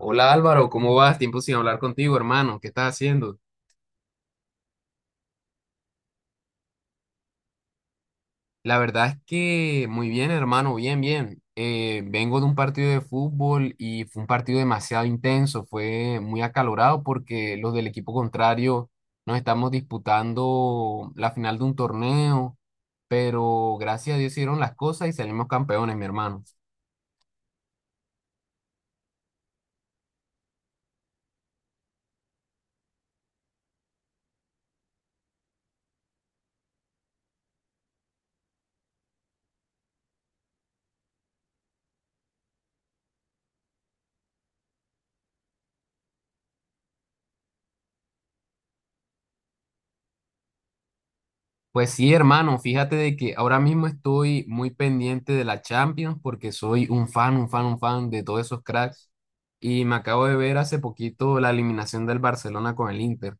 Hola Álvaro, ¿cómo vas? Tiempo sin hablar contigo, hermano. ¿Qué estás haciendo? La verdad es que muy bien, hermano, bien, bien. Vengo de un partido de fútbol y fue un partido demasiado intenso, fue muy acalorado porque los del equipo contrario nos estamos disputando la final de un torneo, pero gracias a Dios hicieron las cosas y salimos campeones, mi hermano. Pues sí, hermano, fíjate de que ahora mismo estoy muy pendiente de la Champions porque soy un fan de todos esos cracks. Y me acabo de ver hace poquito la eliminación del Barcelona con el Inter.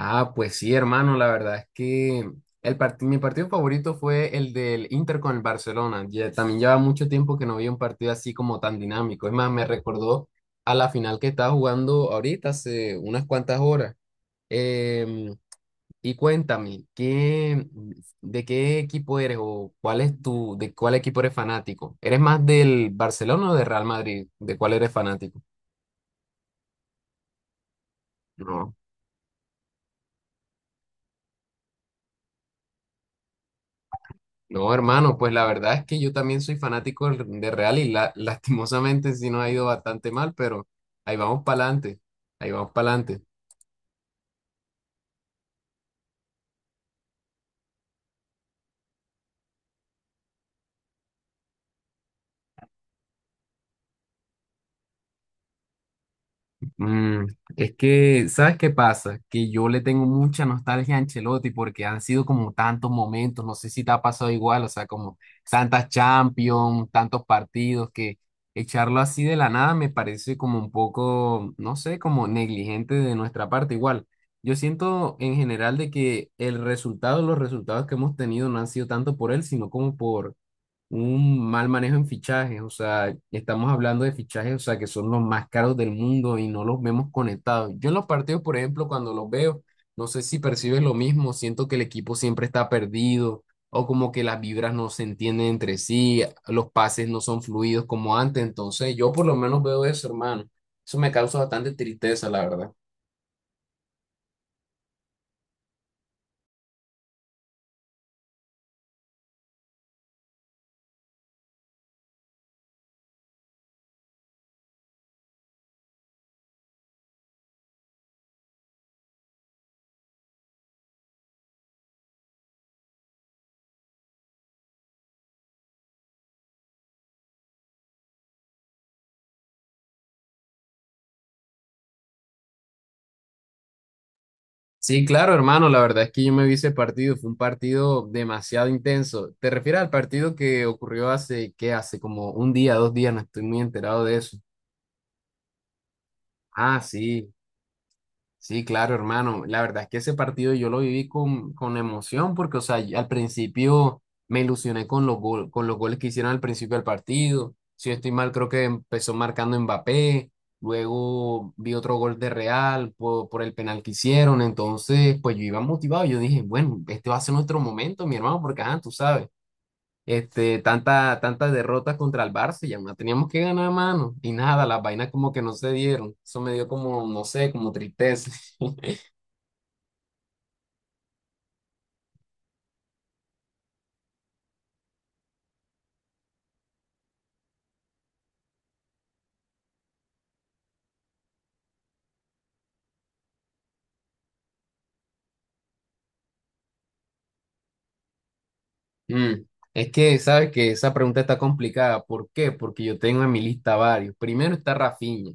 Ah, pues sí, hermano, la verdad es que mi partido favorito fue el del Inter con el Barcelona. Ya, también lleva mucho tiempo que no había un partido así como tan dinámico. Es más, me recordó a la final que estaba jugando ahorita hace unas cuantas horas. Em, Y cuéntame, ¿de qué equipo eres o cuál es tu, de cuál equipo eres fanático? ¿Eres más del Barcelona o del Real Madrid? ¿De cuál eres fanático? No. No, hermano, pues la verdad es que yo también soy fanático de Real y la- lastimosamente sí nos ha ido bastante mal, pero ahí vamos para adelante, ahí vamos para adelante. Mm, es que, ¿sabes qué pasa? Que yo le tengo mucha nostalgia a Ancelotti porque han sido como tantos momentos, no sé si te ha pasado igual, o sea, como tantas Champions, tantos partidos, que echarlo así de la nada me parece como un poco, no sé, como negligente de nuestra parte. Igual, yo siento en general de que los resultados que hemos tenido no han sido tanto por él, sino como por un mal manejo en fichajes, o sea, estamos hablando de fichajes, o sea, que son los más caros del mundo y no los vemos conectados. Yo en los partidos, por ejemplo, cuando los veo, no sé si percibes lo mismo, siento que el equipo siempre está perdido o como que las vibras no se entienden entre sí, los pases no son fluidos como antes, entonces yo por lo menos veo eso, hermano. Eso me causa bastante tristeza, la verdad. Sí, claro, hermano, la verdad es que yo me vi ese partido, fue un partido demasiado intenso. ¿Te refieres al partido que ocurrió hace, qué, hace como un día, dos días? No estoy muy enterado de eso. Ah, sí. Sí, claro, hermano. La verdad es que ese partido yo lo viví con emoción porque, o sea, yo al principio me ilusioné con con los goles que hicieron al principio del partido. Si yo estoy mal, creo que empezó marcando Mbappé, luego vi otro gol de Real por el penal que hicieron. Entonces, pues yo iba motivado. Yo dije, bueno, este va a ser nuestro momento, mi hermano, porque, ajá, tú sabes, este, tantas derrotas contra el Barça, ya no teníamos que ganar, mano. Y nada, las vainas como que no se dieron. Eso me dio como, no sé, como tristeza. Mm, Es que sabes que esa pregunta está complicada. ¿Por qué? Porque yo tengo en mi lista varios. Primero está Rafinha,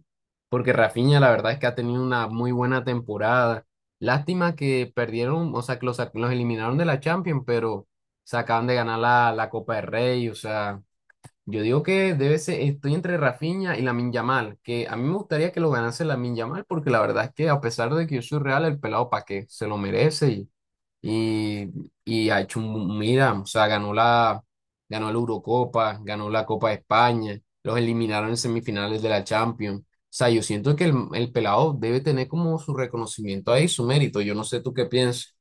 porque Rafinha la verdad es que ha tenido una muy buena temporada. Lástima que perdieron, o sea, que los eliminaron de la Champions, pero se acaban de ganar la Copa del Rey. O sea, yo digo que debe ser, estoy entre Rafinha y Lamine Yamal, que a mí me gustaría que lo ganase Lamine Yamal, porque la verdad es que a pesar de que yo soy real, el pelado pa' qué, se lo merece y, y ha hecho, un- mira, o sea, ganó la Eurocopa, ganó la Copa de España, los eliminaron en semifinales de la Champions. O sea, yo siento que el pelado debe tener como su reconocimiento ahí, su mérito. Yo no sé tú qué piensas.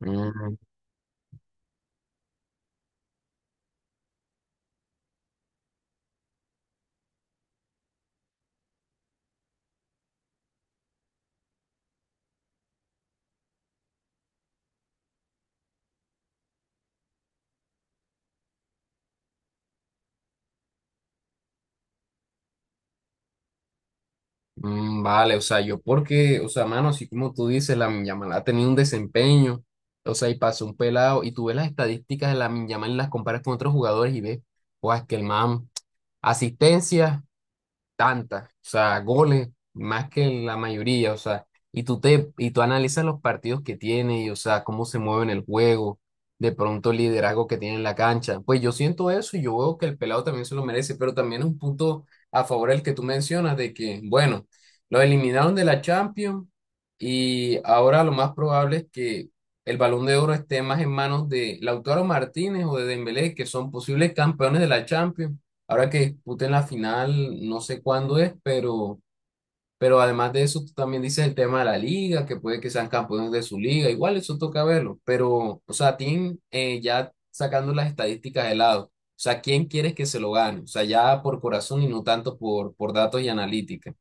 Mm, vale, o sea, yo porque, o sea, mano, así como tú dices, la Yamal ha tenido un desempeño, o sea, y pasó un pelado, y tú ves las estadísticas de la Yamal y las comparas con otros jugadores y ves, pues, que el man, asistencias tantas, o sea, goles más que la mayoría, o sea, y tú analizas los partidos que tiene y o sea, cómo se mueve en el juego, de pronto el liderazgo que tiene en la cancha. Pues yo siento eso y yo veo que el pelado también se lo merece, pero también es un punto a favor el que tú mencionas de que, bueno, lo eliminaron de la Champions y ahora lo más probable es que el Balón de Oro esté más en manos de Lautaro Martínez o de Dembélé, que son posibles campeones de la Champions. Ahora que disputen la final, no sé cuándo es, pero además de eso, tú también dices el tema de la liga, que puede que sean campeones de su liga, igual eso toca verlo, pero, o sea, Tim, ya sacando las estadísticas de lado, o sea, ¿quién quieres que se lo gane? O sea, ya por corazón y no tanto por datos y analítica.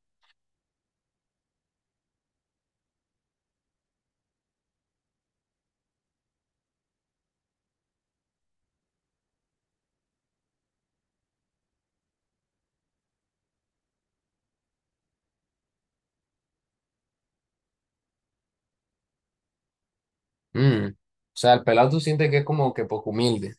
O sea, el pelado tú sientes que es como que poco humilde.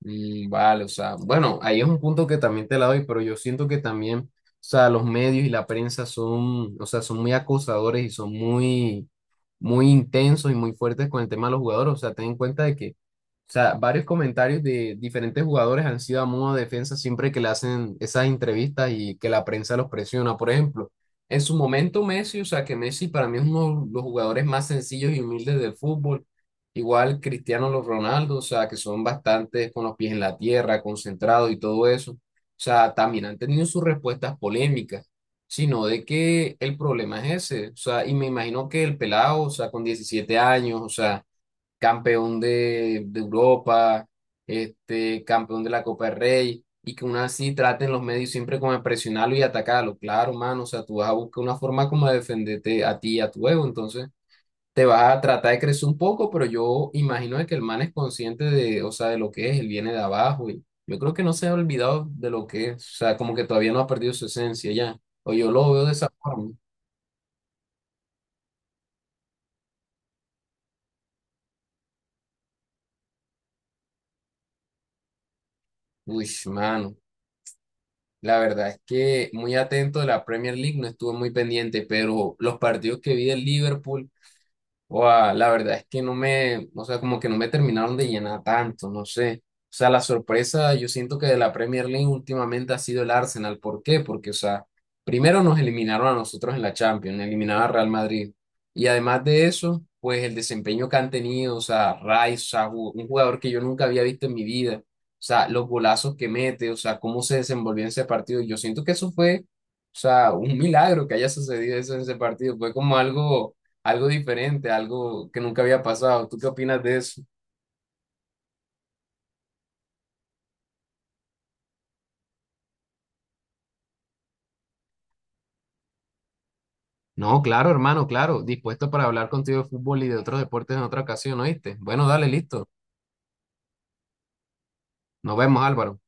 Vale, o sea, bueno, ahí es un punto que también te la doy, pero yo siento que también, o sea, los medios y la prensa son, o sea, son muy acosadores y son muy, muy intensos y muy fuertes con el tema de los jugadores. O sea, ten en cuenta de que, o sea, varios comentarios de diferentes jugadores han sido a modo de defensa siempre que le hacen esas entrevistas y que la prensa los presiona. Por ejemplo, en su momento Messi, o sea, que Messi para mí es uno de los jugadores más sencillos y humildes del fútbol. Igual Cristiano los Ronaldo, o sea, que son bastantes con los pies en la tierra, concentrados y todo eso. O sea, también han tenido sus respuestas polémicas, sino de que el problema es ese. O sea, y me imagino que el pelado, o sea, con 17 años, o sea, campeón de Europa, este, campeón de la Copa del Rey, y que aún así traten los medios siempre como de presionarlo y atacarlo. Claro, mano, o sea, tú vas a buscar una forma como de defenderte a ti y a tu ego, entonces te vas a tratar de crecer un poco, pero yo imagino de que el man es consciente de, o sea, de lo que es, él viene de abajo y yo creo que no se ha olvidado de lo que es, o sea, como que todavía no ha perdido su esencia ya, o yo lo veo de esa forma. Uy, mano, la verdad es que muy atento de la Premier League, no estuve muy pendiente, pero los partidos que vi del Liverpool. Guau, la verdad es que no me, o sea, como que no me terminaron de llenar tanto, no sé. O sea, la sorpresa, yo siento que de la Premier League últimamente ha sido el Arsenal. ¿Por qué? Porque, o sea, primero nos eliminaron a nosotros en la Champions, eliminaron a Real Madrid. Y además de eso, pues el desempeño que han tenido, o sea, Rice, o sea, un jugador que yo nunca había visto en mi vida. O sea, los golazos que mete, o sea, cómo se desenvolvió en ese partido. Yo siento que eso fue, o sea, un milagro que haya sucedido eso en ese partido. Fue como algo, algo diferente, algo que nunca había pasado. ¿Tú qué opinas de eso? No, claro, hermano, claro. Dispuesto para hablar contigo de fútbol y de otros deportes en otra ocasión, ¿oíste? Bueno, dale, listo. Nos vemos, Álvaro.